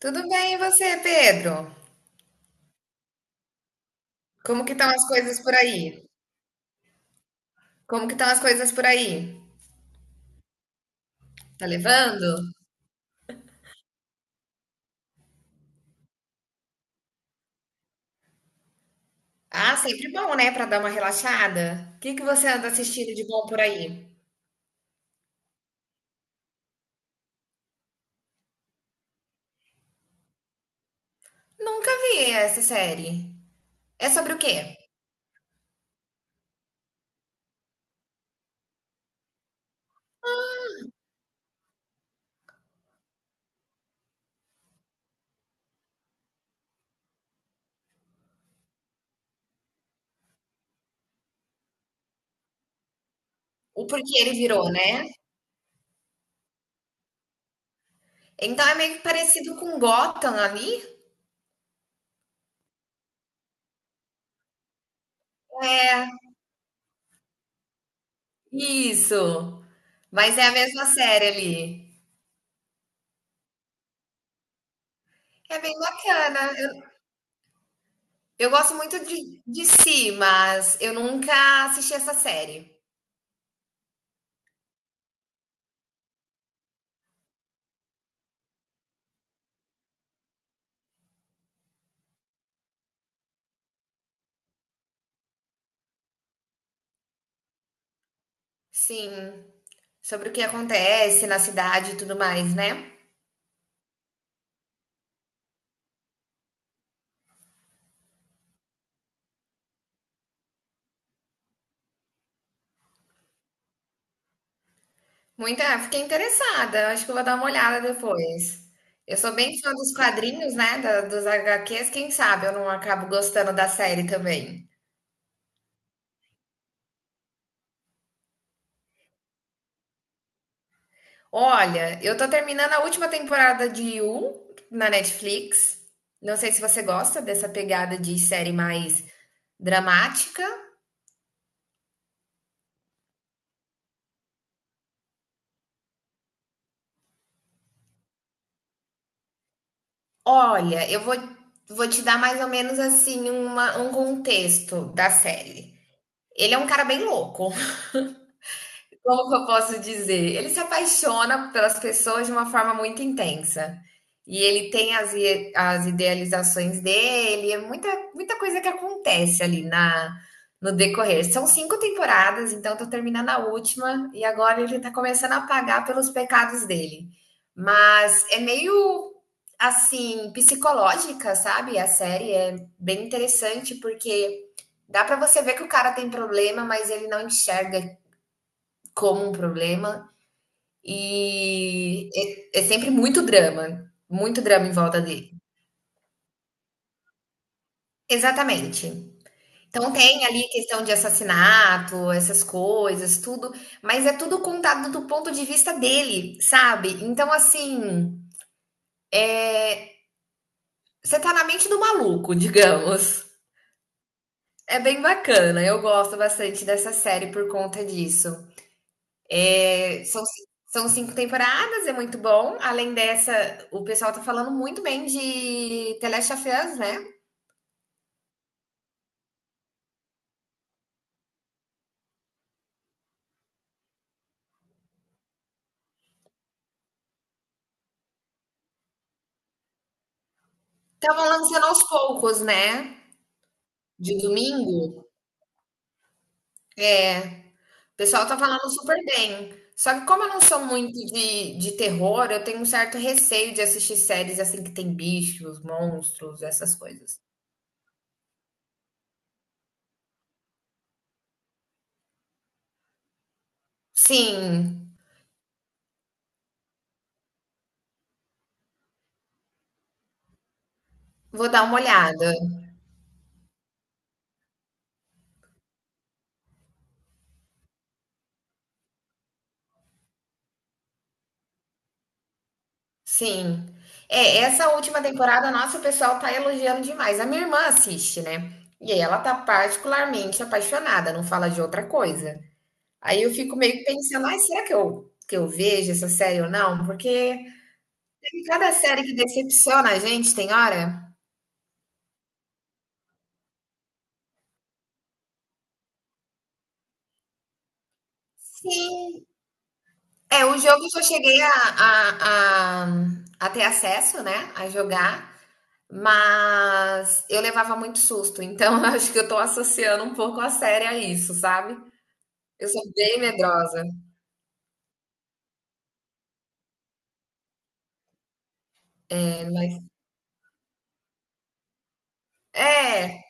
Tudo bem, e você, Pedro? Como que estão as coisas por aí? Como que estão as coisas por aí? Tá levando? Ah, sempre bom, né, pra dar uma relaxada. O que que você anda assistindo de bom por aí? Nunca vi essa série. É sobre o quê? O porquê ele virou, né? Então é meio que parecido com Gotham ali? É, isso. Mas é a mesma série ali. É bem bacana. Eu gosto muito de si, mas eu nunca assisti essa série. Sim, sobre o que acontece na cidade e tudo mais, né? Muita, fiquei interessada, acho que eu vou dar uma olhada depois. Eu sou bem fã dos quadrinhos, né, dos HQs, quem sabe eu não acabo gostando da série também. Olha, eu tô terminando a última temporada de You na Netflix. Não sei se você gosta dessa pegada de série mais dramática. Olha, eu vou te dar mais ou menos assim um contexto da série. Ele é um cara bem louco. Como que eu posso dizer? Ele se apaixona pelas pessoas de uma forma muito intensa. E ele tem as, as idealizações dele, é muita, muita coisa que acontece ali no decorrer. São cinco temporadas, então eu tô terminando a última, e agora ele tá começando a pagar pelos pecados dele. Mas é meio assim, psicológica, sabe? A série é bem interessante porque dá pra você ver que o cara tem problema, mas ele não enxerga como um problema e é sempre muito drama em volta dele. Exatamente. Então tem ali questão de assassinato, essas coisas, tudo, mas é tudo contado do ponto de vista dele, sabe? Então assim, você tá na mente do maluco, digamos. É bem bacana, eu gosto bastante dessa série por conta disso. É, são, são 5 temporadas, é muito bom. Além dessa, o pessoal tá falando muito bem de The Last of Us, né? Estavam lançando aos poucos, né, de domingo. É, o pessoal tá falando super bem. Só que como eu não sou muito de terror, eu tenho um certo receio de assistir séries assim que tem bichos, monstros, essas coisas. Sim, vou dar uma olhada. Sim. É, essa última temporada, nossa, o pessoal tá elogiando demais. A minha irmã assiste, né? E aí ela tá particularmente apaixonada, não fala de outra coisa. Aí eu fico meio que pensando: "Ai, será que eu vejo essa série ou não?" Porque tem cada série que decepciona a gente, tem hora. Sim. É, o jogo eu só cheguei a ter acesso, né, a jogar, mas eu levava muito susto, então eu acho que eu tô associando um pouco a série a isso, sabe. Eu sou bem medrosa, mas é.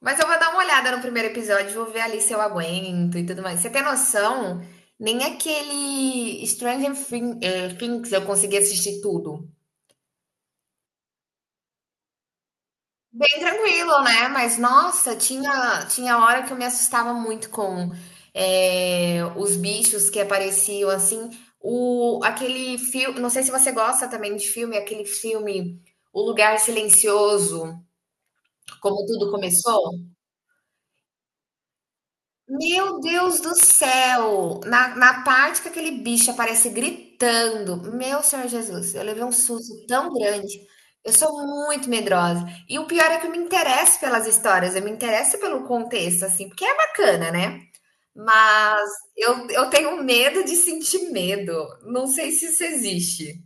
Mas eu vou dar uma olhada no primeiro episódio, vou ver ali se eu aguento e tudo mais. Você tem noção? Nem aquele Things eu consegui assistir tudo. Bem tranquilo, né? Mas nossa, tinha hora que eu me assustava muito com os bichos que apareciam assim. O, aquele filme, não sei se você gosta também de filme, aquele filme O Lugar Silencioso, como tudo começou. Meu Deus do céu! Na parte que aquele bicho aparece gritando, meu Senhor Jesus, eu levei um susto tão grande. Eu sou muito medrosa. E o pior é que eu me interesso pelas histórias, eu me interesso pelo contexto, assim, porque é bacana, né? Mas eu tenho medo de sentir medo. Não sei se isso existe.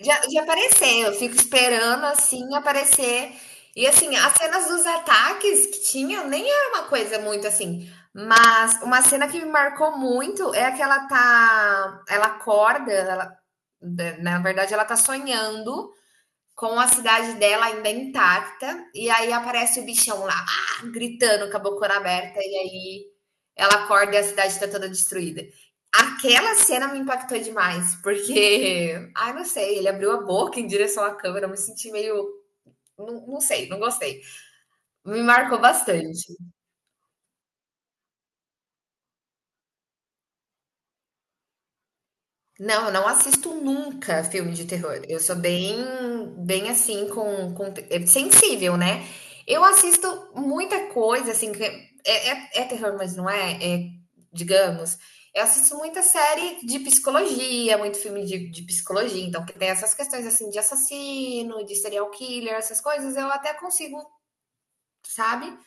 Já, de aparecer, eu fico esperando assim aparecer. E assim, as cenas dos ataques que tinha nem era uma coisa muito assim. Mas uma cena que me marcou muito é a que ela tá. Ela acorda, ela, né, na verdade, ela tá sonhando com a cidade dela ainda intacta, e aí aparece o bichão lá, ah! gritando com a bocona aberta, e aí ela acorda e a cidade está toda destruída. Aquela cena me impactou demais, porque, ai, não sei, ele abriu a boca em direção à câmera, eu me senti meio. Não, não sei, não gostei. Me marcou bastante. Não, eu não assisto nunca filme de terror. Eu sou bem, bem assim, é sensível, né? Eu assisto muita coisa, assim, que é terror, mas não é, é, digamos. Eu assisto muita série de psicologia, muito filme de psicologia, então que tem essas questões, assim, de assassino, de serial killer, essas coisas, eu até consigo, sabe?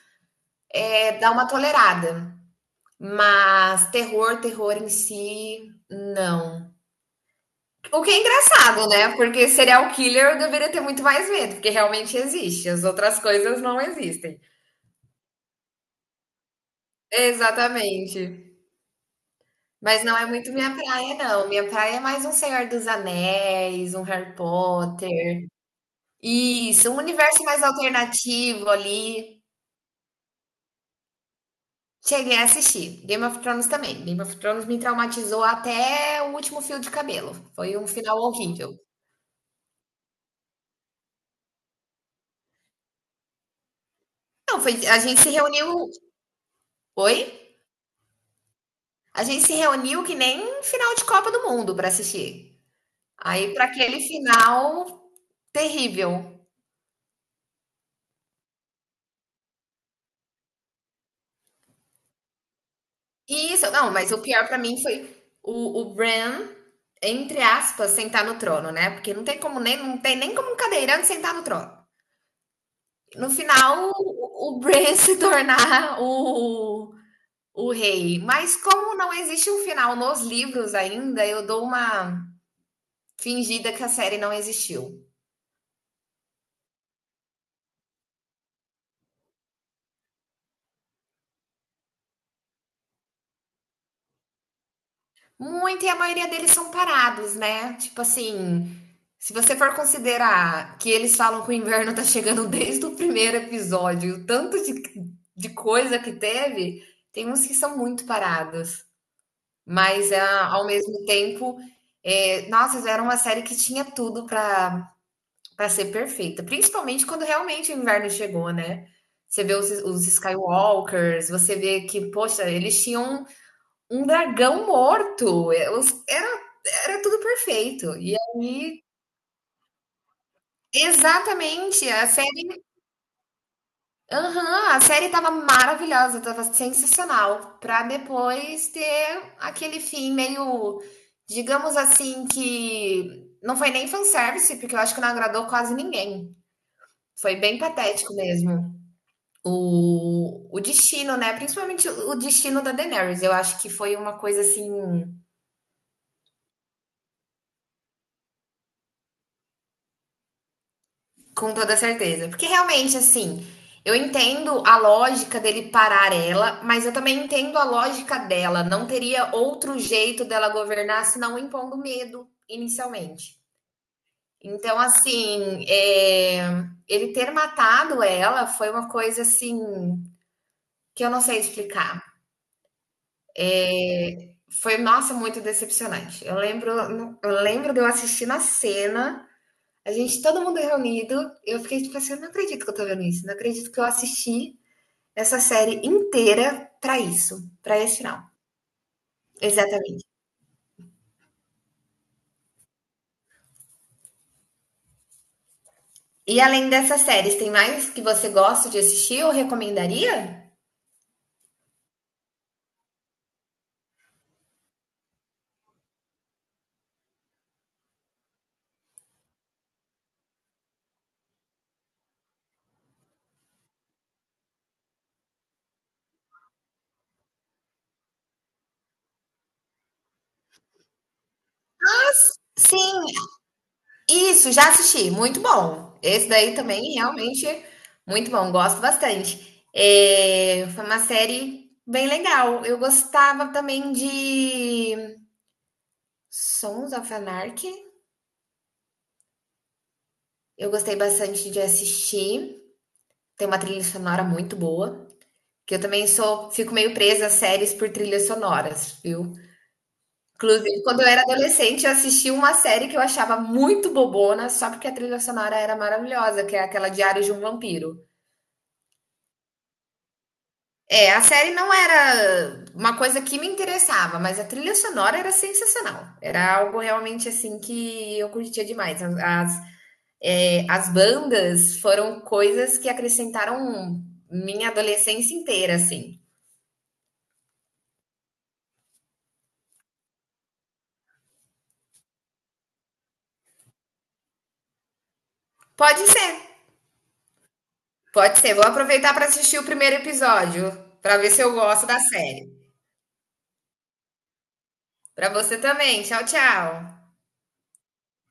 É, dar uma tolerada. Mas terror, terror em si, não. O que é engraçado, né? Porque serial killer eu deveria ter muito mais medo, porque realmente existe. As outras coisas não existem. Exatamente. Mas não é muito minha praia, não. Minha praia é mais um Senhor dos Anéis, um Harry Potter. Isso, um universo mais alternativo ali. Cheguei a assistir. Game of Thrones também. Game of Thrones me traumatizou até o último fio de cabelo. Foi um final horrível. Não, foi, a gente se reuniu. Oi? A gente se reuniu que nem final de Copa do Mundo para assistir. Aí para aquele final terrível. E isso, não, mas o pior para mim foi o Bran, entre aspas, sentar no trono, né? Porque não tem como nem não tem nem como um cadeirante sentar no trono. No final, o Bran se tornar o rei. Mas como não existe um final nos livros ainda, eu dou uma fingida que a série não existiu. Muito, e a maioria deles são parados, né? Tipo assim, se você for considerar que eles falam que o inverno tá chegando desde o primeiro episódio, o tanto de coisa que teve, tem uns que são muito parados. Mas ah, ao mesmo tempo, é, nossa, era uma série que tinha tudo pra para ser perfeita, principalmente quando realmente o inverno chegou, né? Você vê os Skywalkers, você vê que, poxa, eles tinham um dragão morto. É, era tudo perfeito. E aí exatamente, a série aham, a série estava maravilhosa, estava sensacional, pra depois ter aquele fim meio, digamos assim, que não foi nem fanservice, porque eu acho que não agradou quase ninguém. Foi bem patético mesmo. O destino, né, principalmente o destino da Daenerys, eu acho que foi uma coisa assim. Com toda certeza. Porque realmente, assim, eu entendo a lógica dele parar ela, mas eu também entendo a lógica dela. Não teria outro jeito dela governar senão impondo medo inicialmente. Então, assim, é, ele ter matado ela foi uma coisa assim que eu não sei explicar. É, foi, nossa, muito decepcionante. Eu lembro de eu assistindo na cena, a gente, todo mundo reunido, eu fiquei tipo assim, eu não acredito que eu tô vendo isso, não acredito que eu assisti essa série inteira para isso, para esse final. Exatamente. E além dessas séries, tem mais que você gosta de assistir ou recomendaria? Sim, isso, já assisti. Muito bom. Esse daí também, realmente, muito bom. Gosto bastante. É, foi uma série bem legal. Eu gostava também de Sons of Anarchy. Eu gostei bastante de assistir. Tem uma trilha sonora muito boa. Que eu também sou, fico meio presa a séries por trilhas sonoras, viu? Inclusive, quando eu era adolescente, eu assisti uma série que eu achava muito bobona, só porque a trilha sonora era maravilhosa, que é aquela Diário de um Vampiro. É, a série não era uma coisa que me interessava, mas a trilha sonora era sensacional. Era algo realmente assim que eu curtia demais. As bandas foram coisas que acrescentaram minha adolescência inteira, assim. Pode ser, pode ser. Vou aproveitar para assistir o primeiro episódio, para ver se eu gosto da série. Para você também. Tchau, tchau.